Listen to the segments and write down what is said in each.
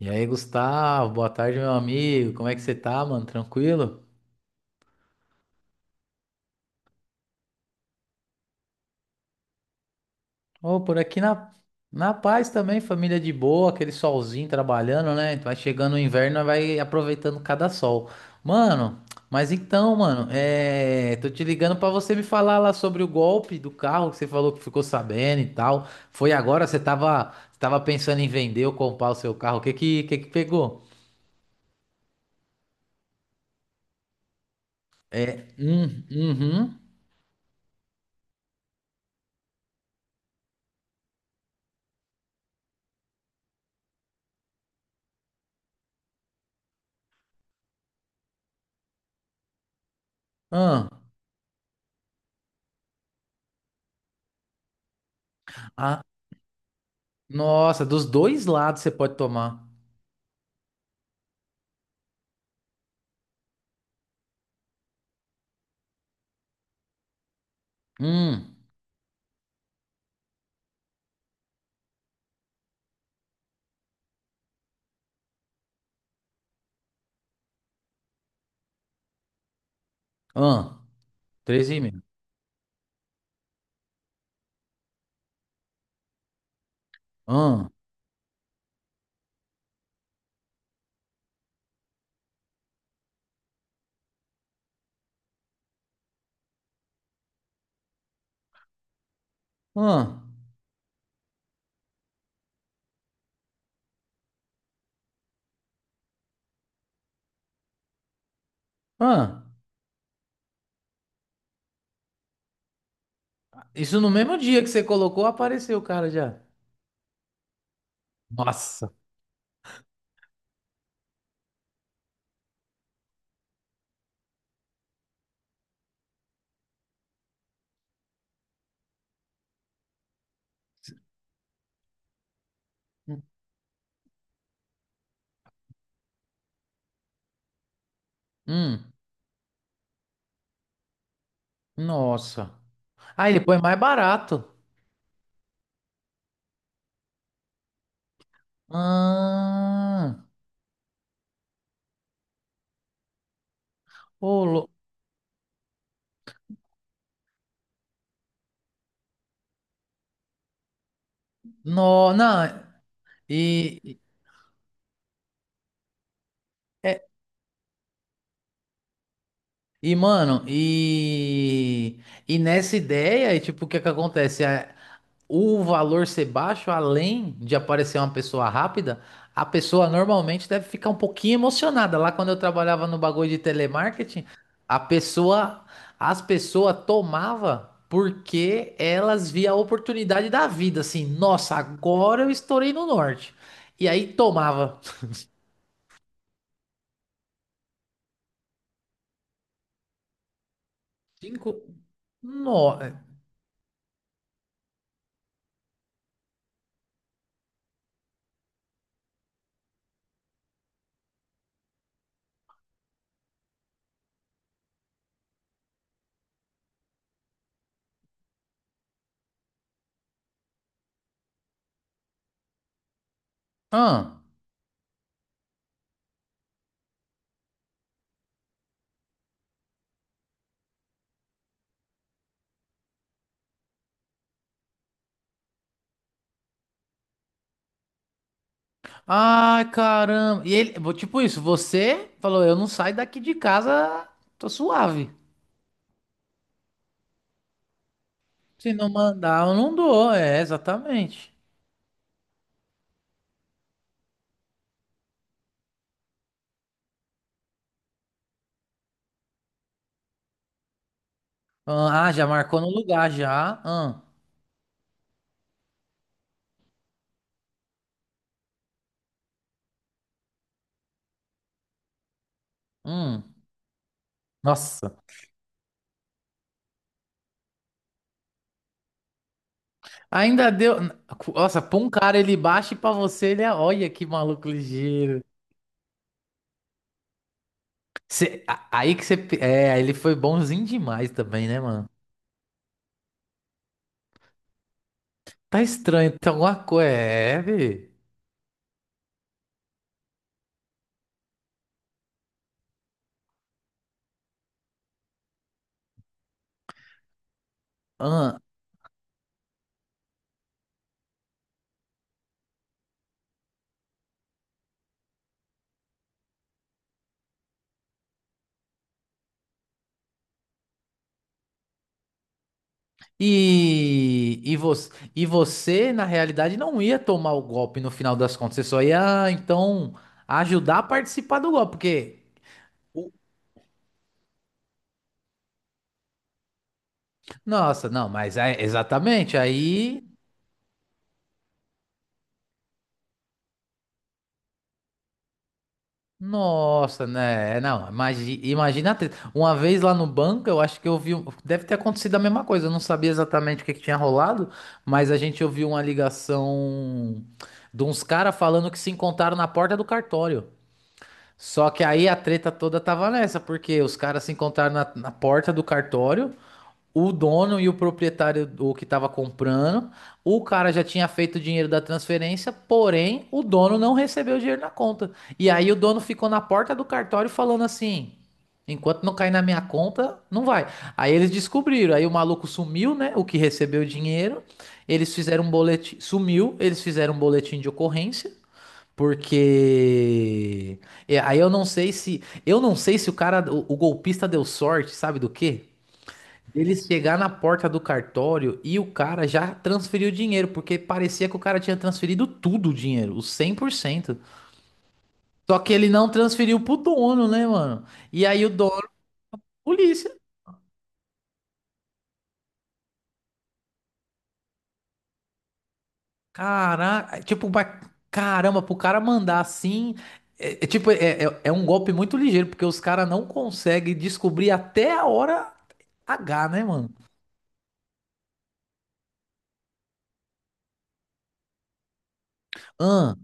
E aí, Gustavo, boa tarde, meu amigo. Como é que você tá, mano? Tranquilo? Ô, por aqui na paz também, família de boa, aquele solzinho trabalhando, né? Vai chegando o inverno, nós vai aproveitando cada sol. Mano, mas então, mano, tô te ligando pra você me falar lá sobre o golpe do carro que você falou que ficou sabendo e tal. Foi agora? Você tava pensando em vender ou comprar o seu carro? O que que pegou? É, uhum. Ah, nossa, dos dois lados você pode tomar. Hum, ah, treze e meio. Ah, ah, ah. Isso no mesmo dia que você colocou, apareceu o cara já. Nossa. Hum, nossa. Ah, ele põe mais barato. Ah, ô, no, não. E, e, é- e, mano, e nessa ideia, e tipo, o que é que acontece? O valor ser baixo, além de aparecer uma pessoa rápida, a pessoa normalmente deve ficar um pouquinho emocionada. Lá quando eu trabalhava no bagulho de telemarketing, a pessoa, as pessoas tomava porque elas via a oportunidade da vida, assim, nossa, agora eu estourei no norte. E aí tomava cinco. No... Ah. Ai, caramba. E ele, tipo isso, você falou, eu não saio daqui de casa, tô suave. Se não mandar, eu não dou, é, exatamente. Ah, já marcou no lugar, já. Ah, hum. Nossa. Ainda deu. Nossa, pra um cara ele baixa e pra você ele é. Olha que maluco ligeiro. Aí que você. É, aí ele foi bonzinho demais também, né, mano? Tá estranho, tem alguma coisa. É, vê. Ah. E você, na realidade, não ia tomar o golpe no final das contas. Você só ia, então, ajudar a participar do golpe, porque. Nossa, não, mas é exatamente aí. Nossa, né? Não, imagina, a treta. Uma vez lá no banco, eu acho que eu vi, deve ter acontecido a mesma coisa. Eu não sabia exatamente o que que tinha rolado, mas a gente ouviu uma ligação de uns caras falando que se encontraram na porta do cartório. Só que aí a treta toda tava nessa, porque os caras se encontraram na porta do cartório. O dono e o proprietário o que estava comprando, o cara já tinha feito o dinheiro da transferência, porém o dono não recebeu o dinheiro na conta. E aí o dono ficou na porta do cartório falando assim: enquanto não cair na minha conta, não vai. Aí eles descobriram, aí o maluco sumiu, né? O que recebeu o dinheiro, eles fizeram um boletim, sumiu, eles fizeram um boletim de ocorrência. Porque aí eu não sei se o cara, o golpista deu sorte, sabe do quê? Ele chegar na porta do cartório e o cara já transferiu o dinheiro, porque parecia que o cara tinha transferido tudo o dinheiro, os 100%. Só que ele não transferiu pro dono, né, mano? E aí o dono, polícia. Caraca, tipo, caramba, pro cara mandar assim. É, tipo, é um golpe muito ligeiro, porque os caras não conseguem descobrir até a hora H, né, mano? Ah,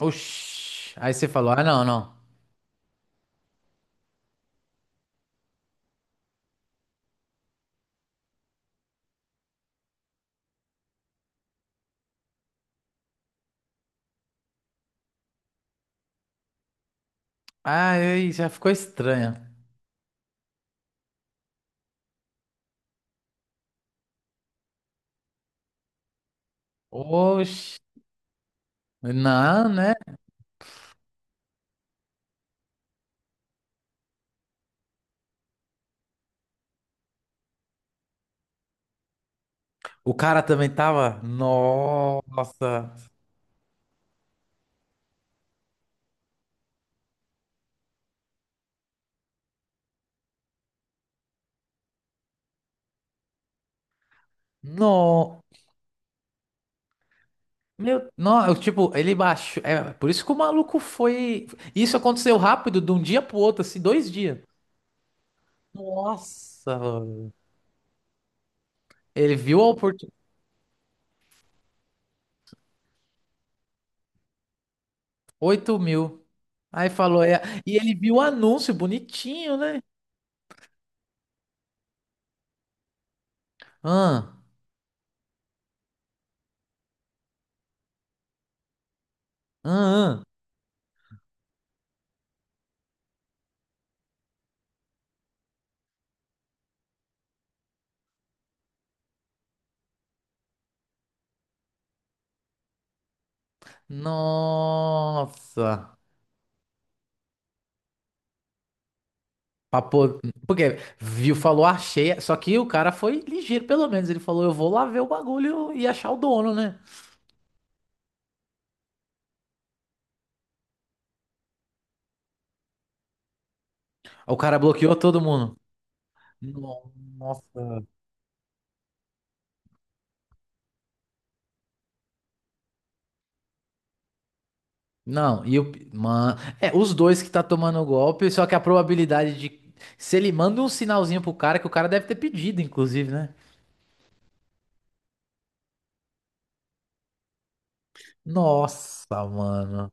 oxi. Aí você falou, ah, não, não. Ah, aí já ficou estranho. Oxi. Não, né? O cara também tava. Nossa. No. Meu, não, eu, tipo, ele baixou. É, por isso que o maluco foi. Isso aconteceu rápido, de um dia pro outro, assim, dois dias. Nossa, mano. Ele viu a oportunidade. 8 mil. Aí falou, é. E ele viu o anúncio bonitinho, né? Ah, ah, ah. Nossa. Pra po- Porque viu, falou, achei. Só que o cara foi ligeiro, pelo menos. Ele falou, eu vou lá ver o bagulho e achar o dono, né? O cara bloqueou todo mundo. No- Nossa. Não, e o. Mano. É, os dois que tá tomando o golpe, só que a probabilidade de. Se ele manda um sinalzinho pro cara, que o cara deve ter pedido, inclusive, né? Nossa, mano.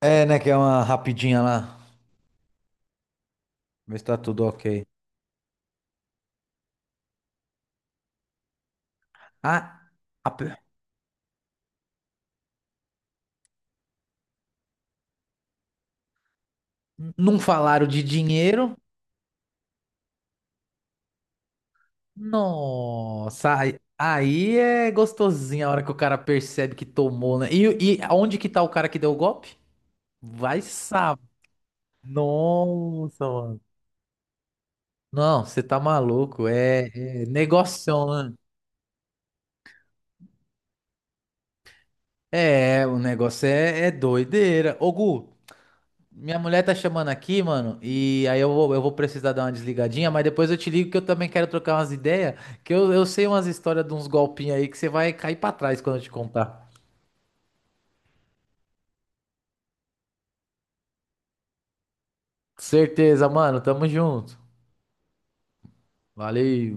É, né? Que é uma rapidinha lá. Ver se tá tudo ok. Ah, a pe- não falaram de dinheiro. Nossa, aí é gostosinho a hora que o cara percebe que tomou, né? E onde que tá o cara que deu o golpe? Vai saber. Nossa, mano. Não, você tá maluco. É negocião, né? É, o negócio é doideira. Ô, Gu, minha mulher tá chamando aqui, mano. E aí eu vou, precisar dar uma desligadinha, mas depois eu te ligo que eu também quero trocar umas ideias. Que eu sei umas histórias de uns golpinhos aí que você vai cair pra trás quando eu te contar. Certeza, mano. Tamo junto. Valeu.